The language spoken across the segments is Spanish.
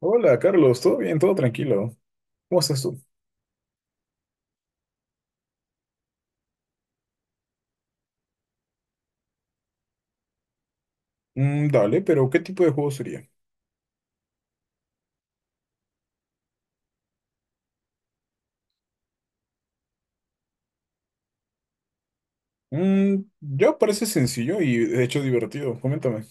Hola, Carlos, ¿todo bien? ¿Todo tranquilo? ¿Cómo estás tú? Mm, dale, pero ¿qué tipo de juego sería? Mm, ya parece sencillo y de hecho divertido. Coméntame.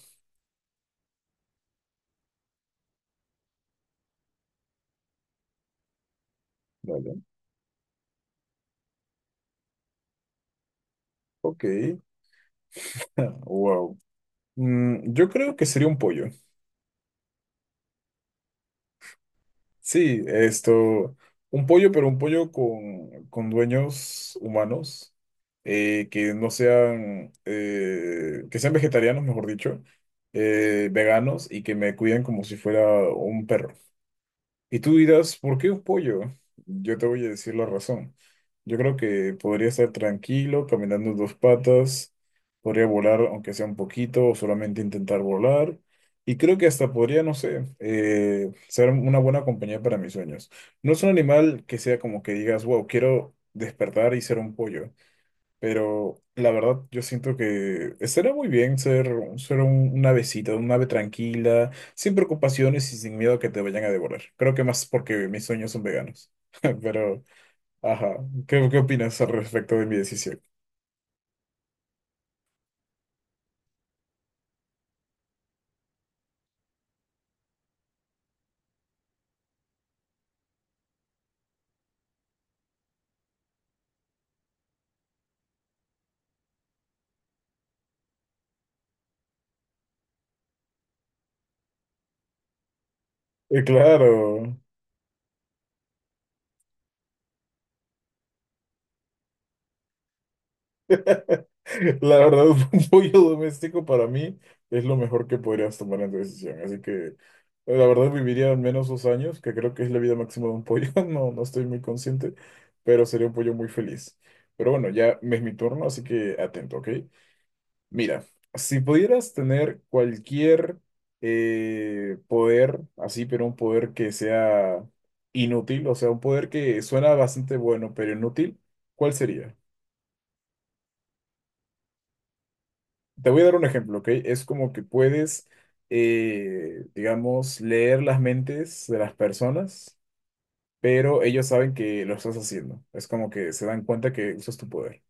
Dale. Ok. Wow. Yo creo que sería un pollo. Sí, esto. Un pollo, pero un pollo con dueños humanos. Que no sean. Que sean vegetarianos, mejor dicho. Veganos y que me cuiden como si fuera un perro. Y tú dirás, ¿por qué un pollo? Yo te voy a decir la razón. Yo creo que podría estar tranquilo, caminando en dos patas, podría volar aunque sea un poquito o solamente intentar volar. Y creo que hasta podría, no sé, ser una buena compañía para mis sueños. No es un animal que sea como que digas, wow, quiero despertar y ser un pollo. Pero la verdad, yo siento que estaría muy bien ser, una avecita, un ave tranquila, sin preocupaciones y sin miedo a que te vayan a devorar. Creo que más porque mis sueños son veganos. Pero, ajá, ¿qué opinas al respecto de mi decisión? Claro. La verdad, un pollo doméstico para mí es lo mejor que podrías tomar en tu decisión. Así que la verdad viviría al menos 2 años, que creo que es la vida máxima de un pollo. No, no estoy muy consciente, pero sería un pollo muy feliz. Pero bueno, ya es mi turno, así que atento, ¿ok? Mira, si pudieras tener cualquier poder, así, pero un poder que sea inútil, o sea, un poder que suena bastante bueno, pero inútil, ¿cuál sería? Te voy a dar un ejemplo, ¿ok? Es como que puedes, digamos, leer las mentes de las personas, pero ellos saben que lo estás haciendo. Es como que se dan cuenta que usas tu poder.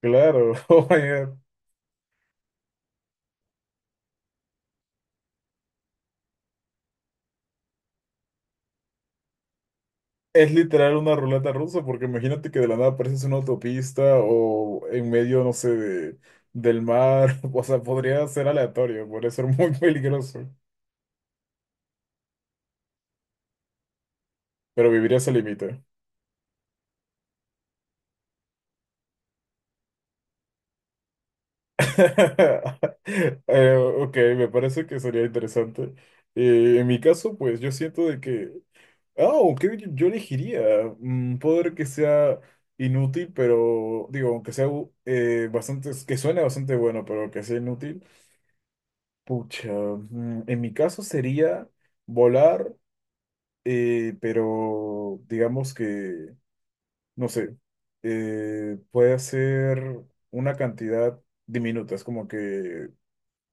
Claro, oh my God. Es literal una ruleta rusa, porque imagínate que de la nada apareces en una autopista o en medio, no sé, del mar. O sea, podría ser aleatorio, podría ser muy peligroso, pero vivirías al límite. Ok, me parece que sería interesante. En mi caso, pues yo siento de que, ah, ok, yo elegiría un poder que sea inútil, pero digo, aunque sea bastante, que suene bastante bueno, pero que sea inútil. Pucha, en mi caso sería volar, pero digamos que, no sé, puede ser una cantidad diminuta, es como que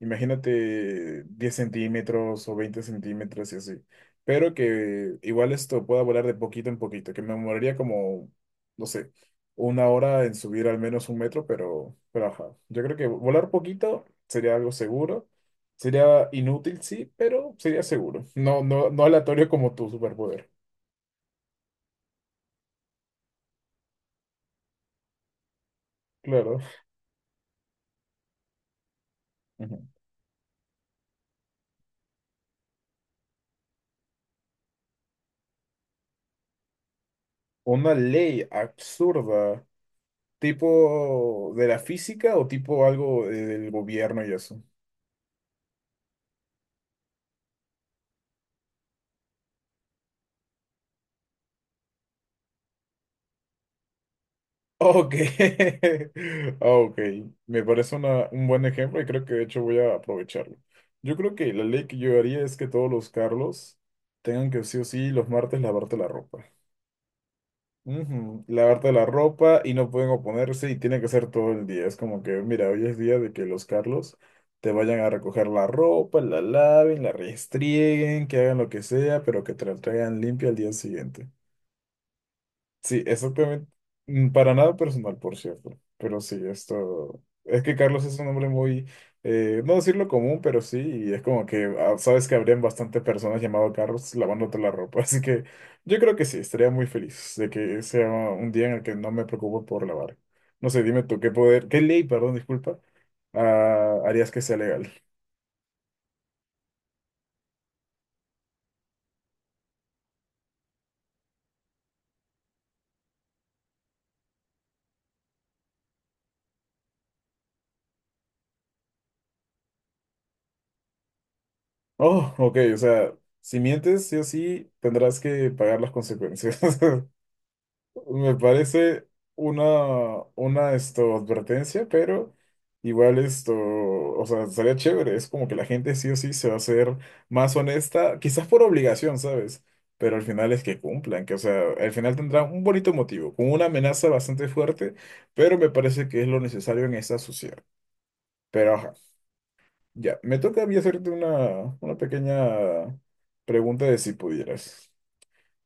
imagínate 10 centímetros o 20 centímetros y así. Pero que igual esto pueda volar de poquito en poquito, que me demoraría como, no sé, 1 hora en subir al menos 1 metro, pero ajá. Yo creo que volar poquito sería algo seguro. Sería inútil, sí, pero sería seguro. No, no, no aleatorio como tu superpoder. Claro. Ujú. Una ley absurda, tipo de la física o tipo algo del gobierno y eso. Ok, ok, me parece un buen ejemplo y creo que de hecho voy a aprovecharlo. Yo creo que la ley que yo haría es que todos los Carlos tengan que sí o sí los martes lavarte la ropa. Ujú, lavarte la ropa y no pueden oponerse y tiene que ser todo el día. Es como que, mira, hoy es día de que los Carlos te vayan a recoger la ropa, la laven, la restrieguen, que hagan lo que sea, pero que te la traigan limpia al día siguiente. Sí, exactamente. Para nada personal, por cierto. Pero sí, esto. Es que Carlos es un hombre muy. No decirlo común, pero sí. Y es como que ah, sabes que habrían bastantes personas llamado Carlos lavándote la ropa. Así que yo creo que sí, estaría muy feliz de que sea un día en el que no me preocupo por lavar. No sé, dime tú, ¿qué poder, qué ley, perdón, disculpa, ah, harías que sea legal? Oh, ok, o sea, si mientes, sí o sí, tendrás que pagar las consecuencias. Me parece una esto, advertencia, pero igual esto, o sea, estaría chévere. Es como que la gente sí o sí se va a hacer más honesta, quizás por obligación, ¿sabes? Pero al final es que cumplan, que o sea, al final tendrán un bonito motivo, con una amenaza bastante fuerte, pero me parece que es lo necesario en esta sociedad. Pero ajá, ya, me toca a mí hacerte una pequeña pregunta de si pudieras.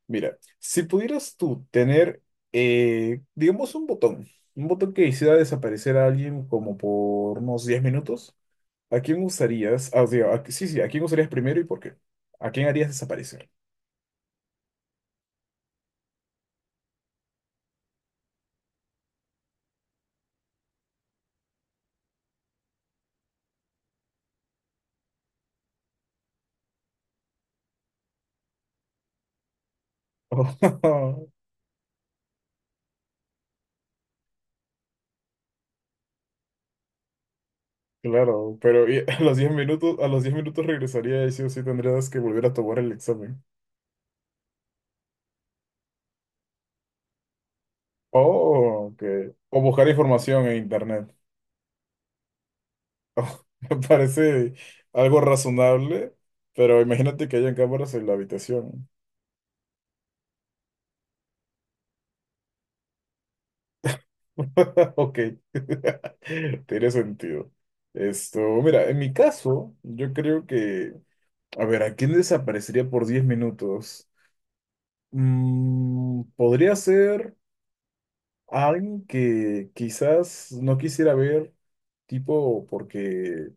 Mira, si pudieras tú tener, digamos, un botón que hiciera desaparecer a alguien como por unos 10 minutos, ¿a quién usarías? Ah, digo, sí, sí, ¿a quién usarías primero y por qué? ¿A quién harías desaparecer? Claro, pero y a los 10 minutos, a los 10 minutos regresaría y sí o sí tendrías que volver a tomar el examen. Oh, ok. O buscar información en internet. Oh, me parece algo razonable, pero imagínate que hayan cámaras en la habitación. Ok, tiene sentido. Esto, mira, en mi caso, yo creo que, a ver, ¿a quién desaparecería por 10 minutos? Podría ser alguien que quizás no quisiera ver, tipo, porque,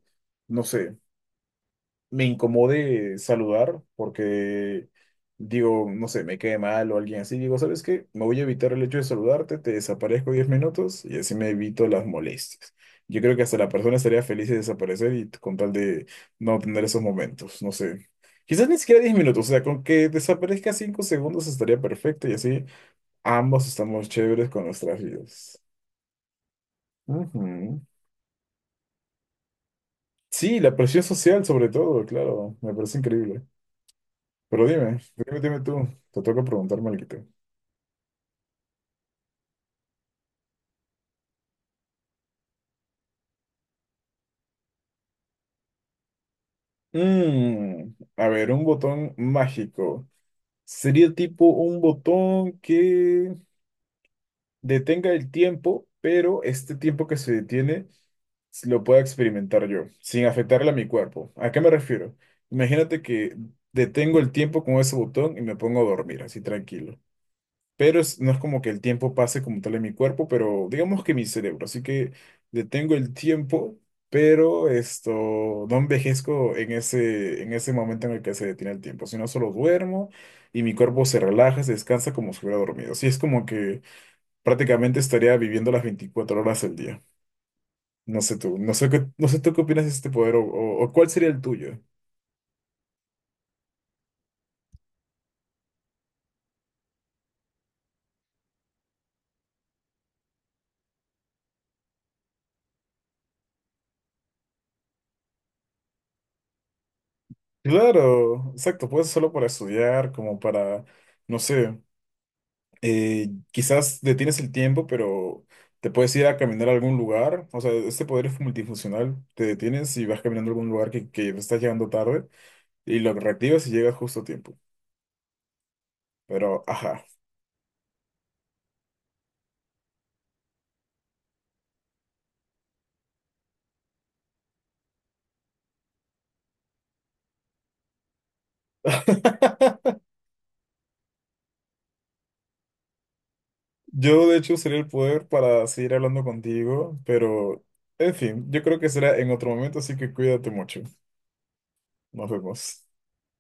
no sé, me incomode saludar porque digo, no sé, me quede mal o alguien así, digo, ¿sabes qué? Me voy a evitar el hecho de saludarte, te desaparezco 10 minutos y así me evito las molestias. Yo creo que hasta la persona estaría feliz de desaparecer y con tal de no tener esos momentos, no sé. Quizás ni siquiera 10 minutos, o sea, con que desaparezca 5 segundos estaría perfecto y así ambos estamos chéveres con nuestras vidas. Ujú. Sí, la presión social sobre todo, claro, me parece increíble. Pero dime, dime, dime tú, te toca preguntarme algo. Mm, a ver, un botón mágico. Sería tipo un botón que detenga el tiempo, pero este tiempo que se detiene lo pueda experimentar yo, sin afectarle a mi cuerpo. ¿A qué me refiero? Imagínate que detengo el tiempo con ese botón y me pongo a dormir, así tranquilo. Pero no es como que el tiempo pase como tal en mi cuerpo, pero digamos que mi cerebro, así que detengo el tiempo, pero esto, no envejezco en ese momento en el que se detiene el tiempo, sino solo duermo y mi cuerpo se relaja, se descansa como si hubiera dormido. Así es como que prácticamente estaría viviendo las 24 horas del día. No sé tú, no sé qué, no sé tú qué opinas de este poder o cuál sería el tuyo. Claro, exacto, puede ser solo para estudiar, como para, no sé, quizás detienes el tiempo, pero te puedes ir a caminar a algún lugar. O sea, este poder es multifuncional. Te detienes y vas caminando a algún lugar que estás llegando tarde y lo reactivas y llegas justo a tiempo. Pero, ajá. Yo, de hecho, usaría el poder para seguir hablando contigo, pero, en fin, yo creo que será en otro momento, así que cuídate mucho. Nos vemos.